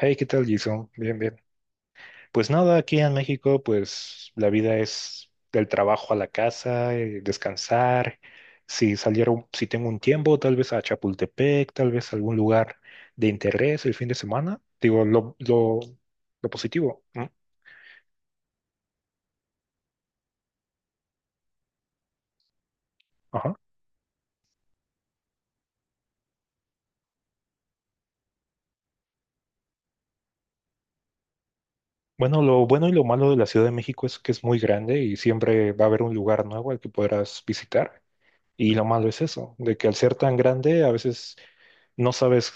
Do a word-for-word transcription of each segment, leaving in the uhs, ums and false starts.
Hey, ¿qué tal, Jason? Bien, bien. Pues nada, aquí en México, pues la vida es del trabajo a la casa, eh, descansar. Si saliera, un- si tengo un tiempo, tal vez a Chapultepec, tal vez a algún lugar de interés el fin de semana. Digo, lo, lo, lo positivo, ¿no? Ajá. Bueno, lo bueno y lo malo de la Ciudad de México es que es muy grande y siempre va a haber un lugar nuevo al que podrás visitar. Y lo malo es eso, de que al ser tan grande, a veces no sabes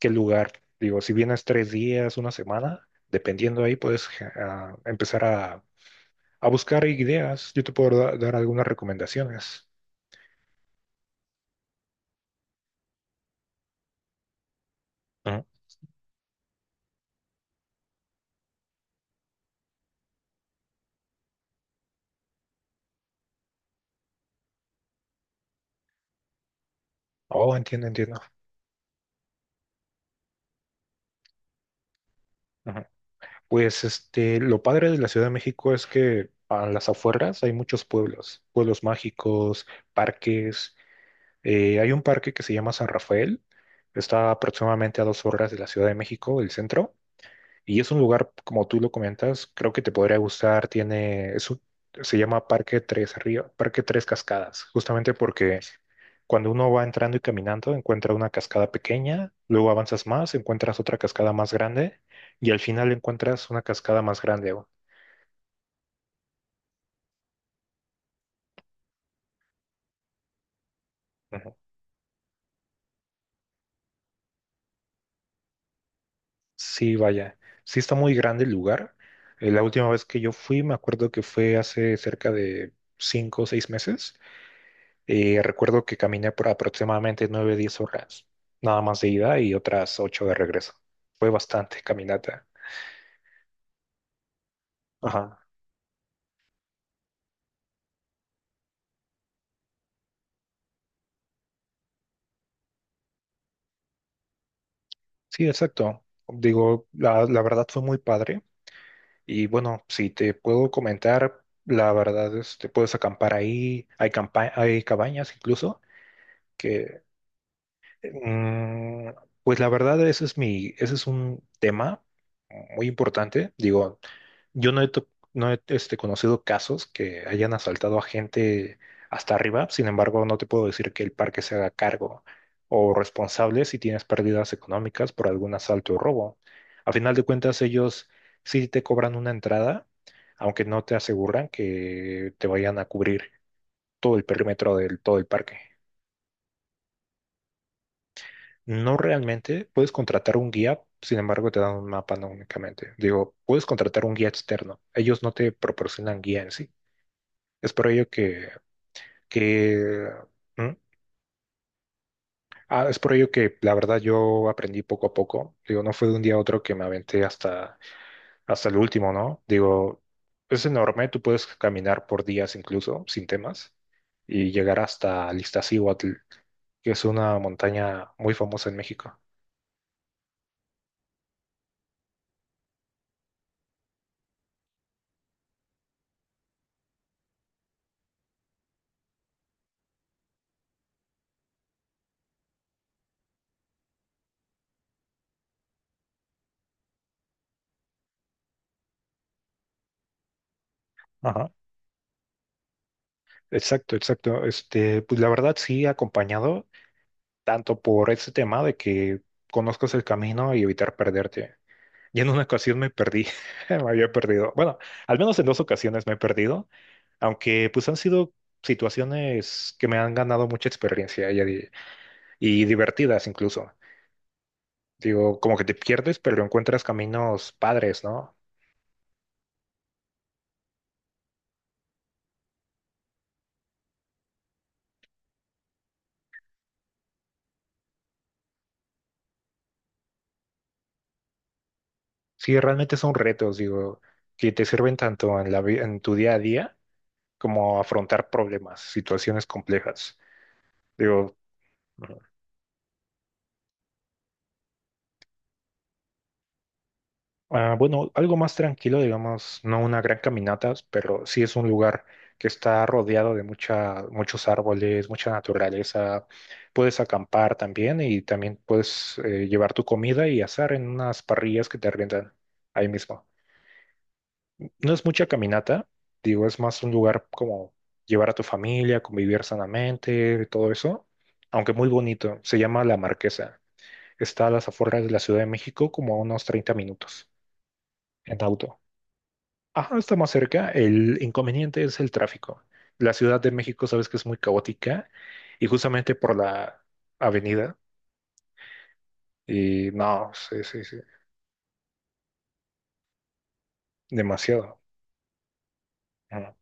qué lugar. Digo, si vienes tres días, una semana, dependiendo ahí, puedes eh, a empezar a, a buscar ideas. Yo te puedo da- dar algunas recomendaciones. Ujú. Oh, entiendo, entiendo. Ujú. Pues este, lo padre de la Ciudad de México es que a las afueras hay muchos pueblos, pueblos mágicos, parques. Eh, hay un parque que se llama San Rafael, está aproximadamente a dos horas de la Ciudad de México, el centro. Y es un lugar, como tú lo comentas, creo que te podría gustar. Tiene, es un- se llama Parque Tres Río, Parque Tres Cascadas, justamente porque cuando uno va entrando y caminando, encuentra una cascada pequeña, luego avanzas más, encuentras otra cascada más grande y al final encuentras una cascada más grande. o- Ujú. Sí, vaya, sí está muy grande el lugar. Eh, La última vez que yo fui, me acuerdo que fue hace cerca de cinco o seis meses. Eh, recuerdo que caminé por aproximadamente nueve, diez horas, nada más de ida y otras ocho de regreso. Fue bastante caminata. Ajá. Sí, exacto. Digo, la, la verdad fue muy padre. Y bueno, si te puedo comentar, la verdad es te puedes acampar ahí. Hay, campa- hay cabañas incluso que, mm, pues la verdad, ese es mi, ese es un tema muy importante. Digo, Yo no he, to- no he este, conocido casos que hayan asaltado a gente hasta arriba, sin embargo, no te puedo decir que el parque se haga cargo o responsable si tienes pérdidas económicas por algún asalto o robo. A final de cuentas, ellos sí te cobran una entrada, aunque no te aseguran que te vayan a cubrir todo el perímetro del todo el parque. No realmente, puedes contratar un guía, sin embargo, te dan un mapa no únicamente. Digo, puedes contratar un guía externo, ellos no te proporcionan guía en sí. Es por ello que, que ¿Mm? ah, es por ello que la verdad yo aprendí poco a poco. Digo, no fue de un día a otro que me aventé hasta, hasta el último, ¿no? Digo, es enorme, tú puedes caminar por días incluso sin temas y llegar hasta Iztaccíhuatl, que es una montaña muy famosa en México. Ajá. Exacto, exacto. Este, pues la verdad sí, acompañado tanto por ese tema de que conozcas el camino y evitar perderte. Y en una ocasión me perdí, me había perdido. Bueno, al menos en dos ocasiones me he perdido, aunque pues han sido situaciones que me han ganado mucha experiencia y, di- y divertidas incluso. Digo, como que te pierdes, pero encuentras caminos padres, ¿no? Sí, realmente son retos, digo, que te sirven tanto en la vi- en tu día a día como afrontar problemas, situaciones complejas. Digo, Ah, bueno, algo más tranquilo, digamos, no una gran caminata, pero sí es un lugar que está rodeado de mucha, muchos árboles, mucha naturaleza. Puedes acampar también y también puedes eh, llevar tu comida y asar en unas parrillas que te arriendan ahí mismo. No es mucha caminata, digo, es más un lugar como llevar a tu familia, convivir sanamente, todo eso, aunque muy bonito. Se llama La Marquesa. Está a las afueras de la Ciudad de México, como a unos treinta minutos en auto. Ajá, está más cerca. El inconveniente es el tráfico. La Ciudad de México, sabes que es muy caótica y justamente por la avenida. Y no, sí, sí, sí, demasiado. Ajá.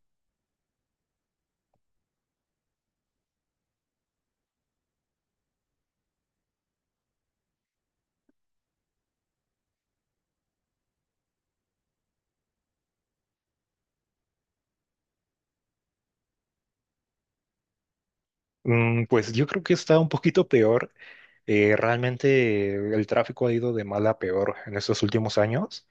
Mm, pues yo creo que está un poquito peor. Eh, realmente el tráfico ha ido de mal a peor en estos últimos años,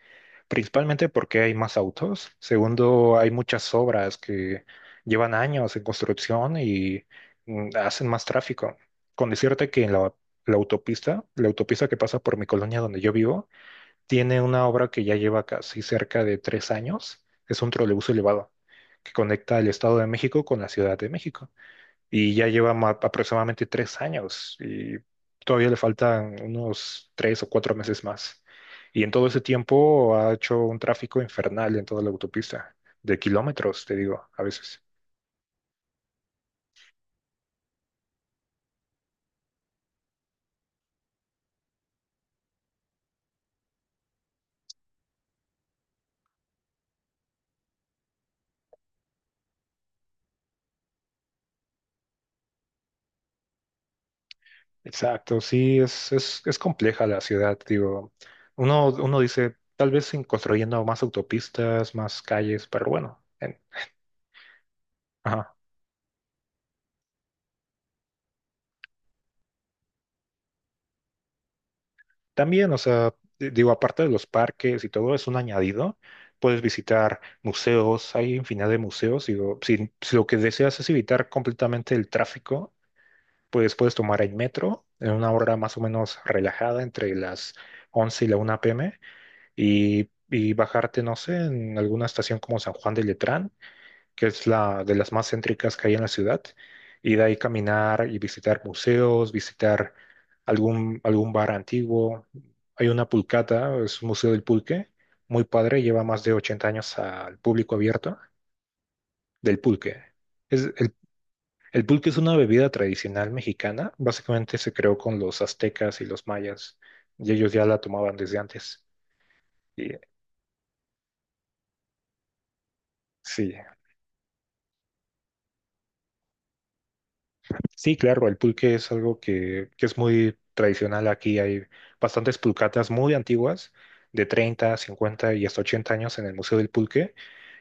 principalmente porque hay más autos. Segundo, hay muchas obras que llevan años en construcción y mm, hacen más tráfico. Con decirte que en la, la autopista, la autopista que pasa por mi colonia donde yo vivo, tiene una obra que ya lleva casi cerca de tres años. Es un trolebús elevado que conecta el Estado de México con la Ciudad de México y ya lleva ma- aproximadamente tres años y todavía le faltan unos tres o cuatro meses más. Y en todo ese tiempo ha hecho un tráfico infernal en toda la autopista, de kilómetros, te digo, a veces. Exacto, sí, es, es, es compleja la ciudad, digo. Uno, uno dice, tal vez sin construyendo más autopistas, más calles, pero bueno. En- ajá. También, o sea, di- digo, aparte de los parques y todo, es un añadido. Puedes visitar museos, hay infinidad de museos. Digo, si, si lo que deseas es evitar completamente el tráfico, pues puedes tomar el metro en una hora más o menos relajada entre las once y la una p m y, y bajarte, no sé, en alguna estación como San Juan de Letrán que es la de las más céntricas que hay en la ciudad, y de ahí caminar y visitar museos, visitar algún, algún bar antiguo. Hay una pulcata, es un museo del pulque, muy padre, lleva más de ochenta años al público abierto del pulque. Es, el, el pulque es una bebida tradicional mexicana, básicamente se creó con los aztecas y los mayas, y ellos ya la tomaban desde antes. Y, sí. Sí, claro, el pulque es algo que, que es muy tradicional aquí. Hay bastantes pulcatas muy antiguas, de treinta, cincuenta y hasta ochenta años en el Museo del Pulque.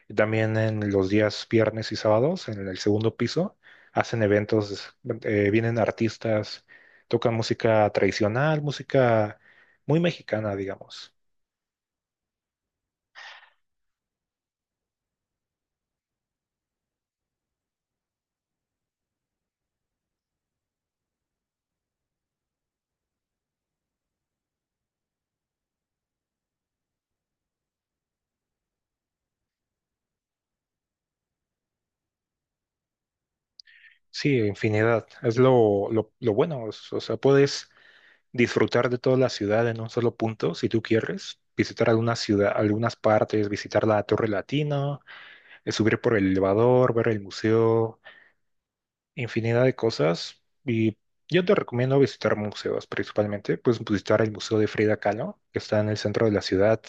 Y también en los días viernes y sábados, en el segundo piso, hacen eventos, eh, vienen artistas, tocan música tradicional, música muy mexicana, digamos. Sí, infinidad. Es lo, lo, lo bueno. O sea, puedes disfrutar de toda la ciudad en un solo punto, si tú quieres, visitar alguna ciudad, algunas partes, visitar la Torre Latina, eh, subir por el elevador, ver el museo, infinidad de cosas. Y yo te recomiendo visitar museos principalmente, pues visitar el Museo de Frida Kahlo, que está en el centro de la ciudad.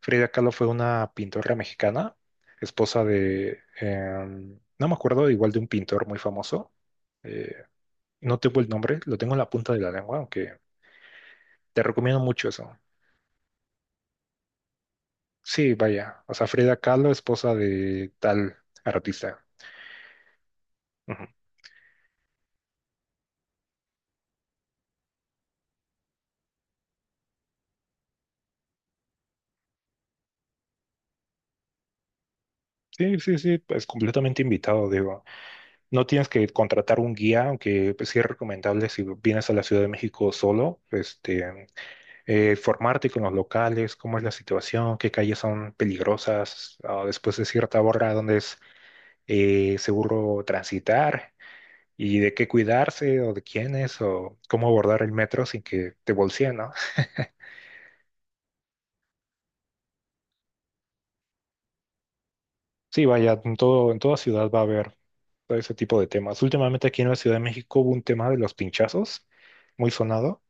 Frida Kahlo fue una pintora mexicana, esposa de, em, no me acuerdo, igual de un pintor muy famoso. Eh, no tengo el nombre, lo tengo en la punta de la lengua, aunque te recomiendo mucho eso. Sí, vaya. O sea, Frida Kahlo, esposa de tal artista. Ujú. Sí, sí, sí, es completamente invitado, digo. No tienes que contratar un guía, aunque pues, sí es recomendable si vienes a la Ciudad de México solo, este, eh, formarte con los locales, cómo es la situación, qué calles son peligrosas, ah, después de cierta hora, dónde es eh, seguro transitar y de qué cuidarse o de quién es o cómo abordar el metro sin que te bolseen, ¿no? Sí, vaya, en todo, en toda ciudad va a haber todo ese tipo de temas. Últimamente aquí en la Ciudad de México hubo un tema de los pinchazos, muy sonado,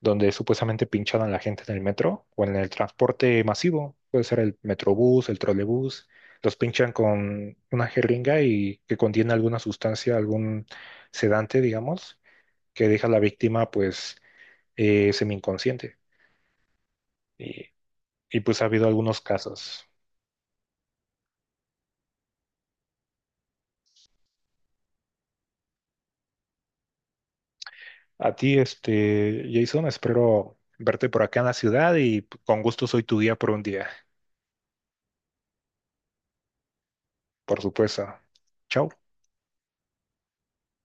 donde supuestamente pinchaban a la gente en el metro o en el transporte masivo. Puede ser el metrobús, el trolebús. Los pinchan con una jeringa y que contiene alguna sustancia, algún sedante, digamos, que deja a la víctima pues eh, semi-inconsciente. Y, y pues ha habido algunos casos. A ti, este, Jason, espero verte por acá en la ciudad y con gusto soy tu guía por un día, por supuesto. Chao.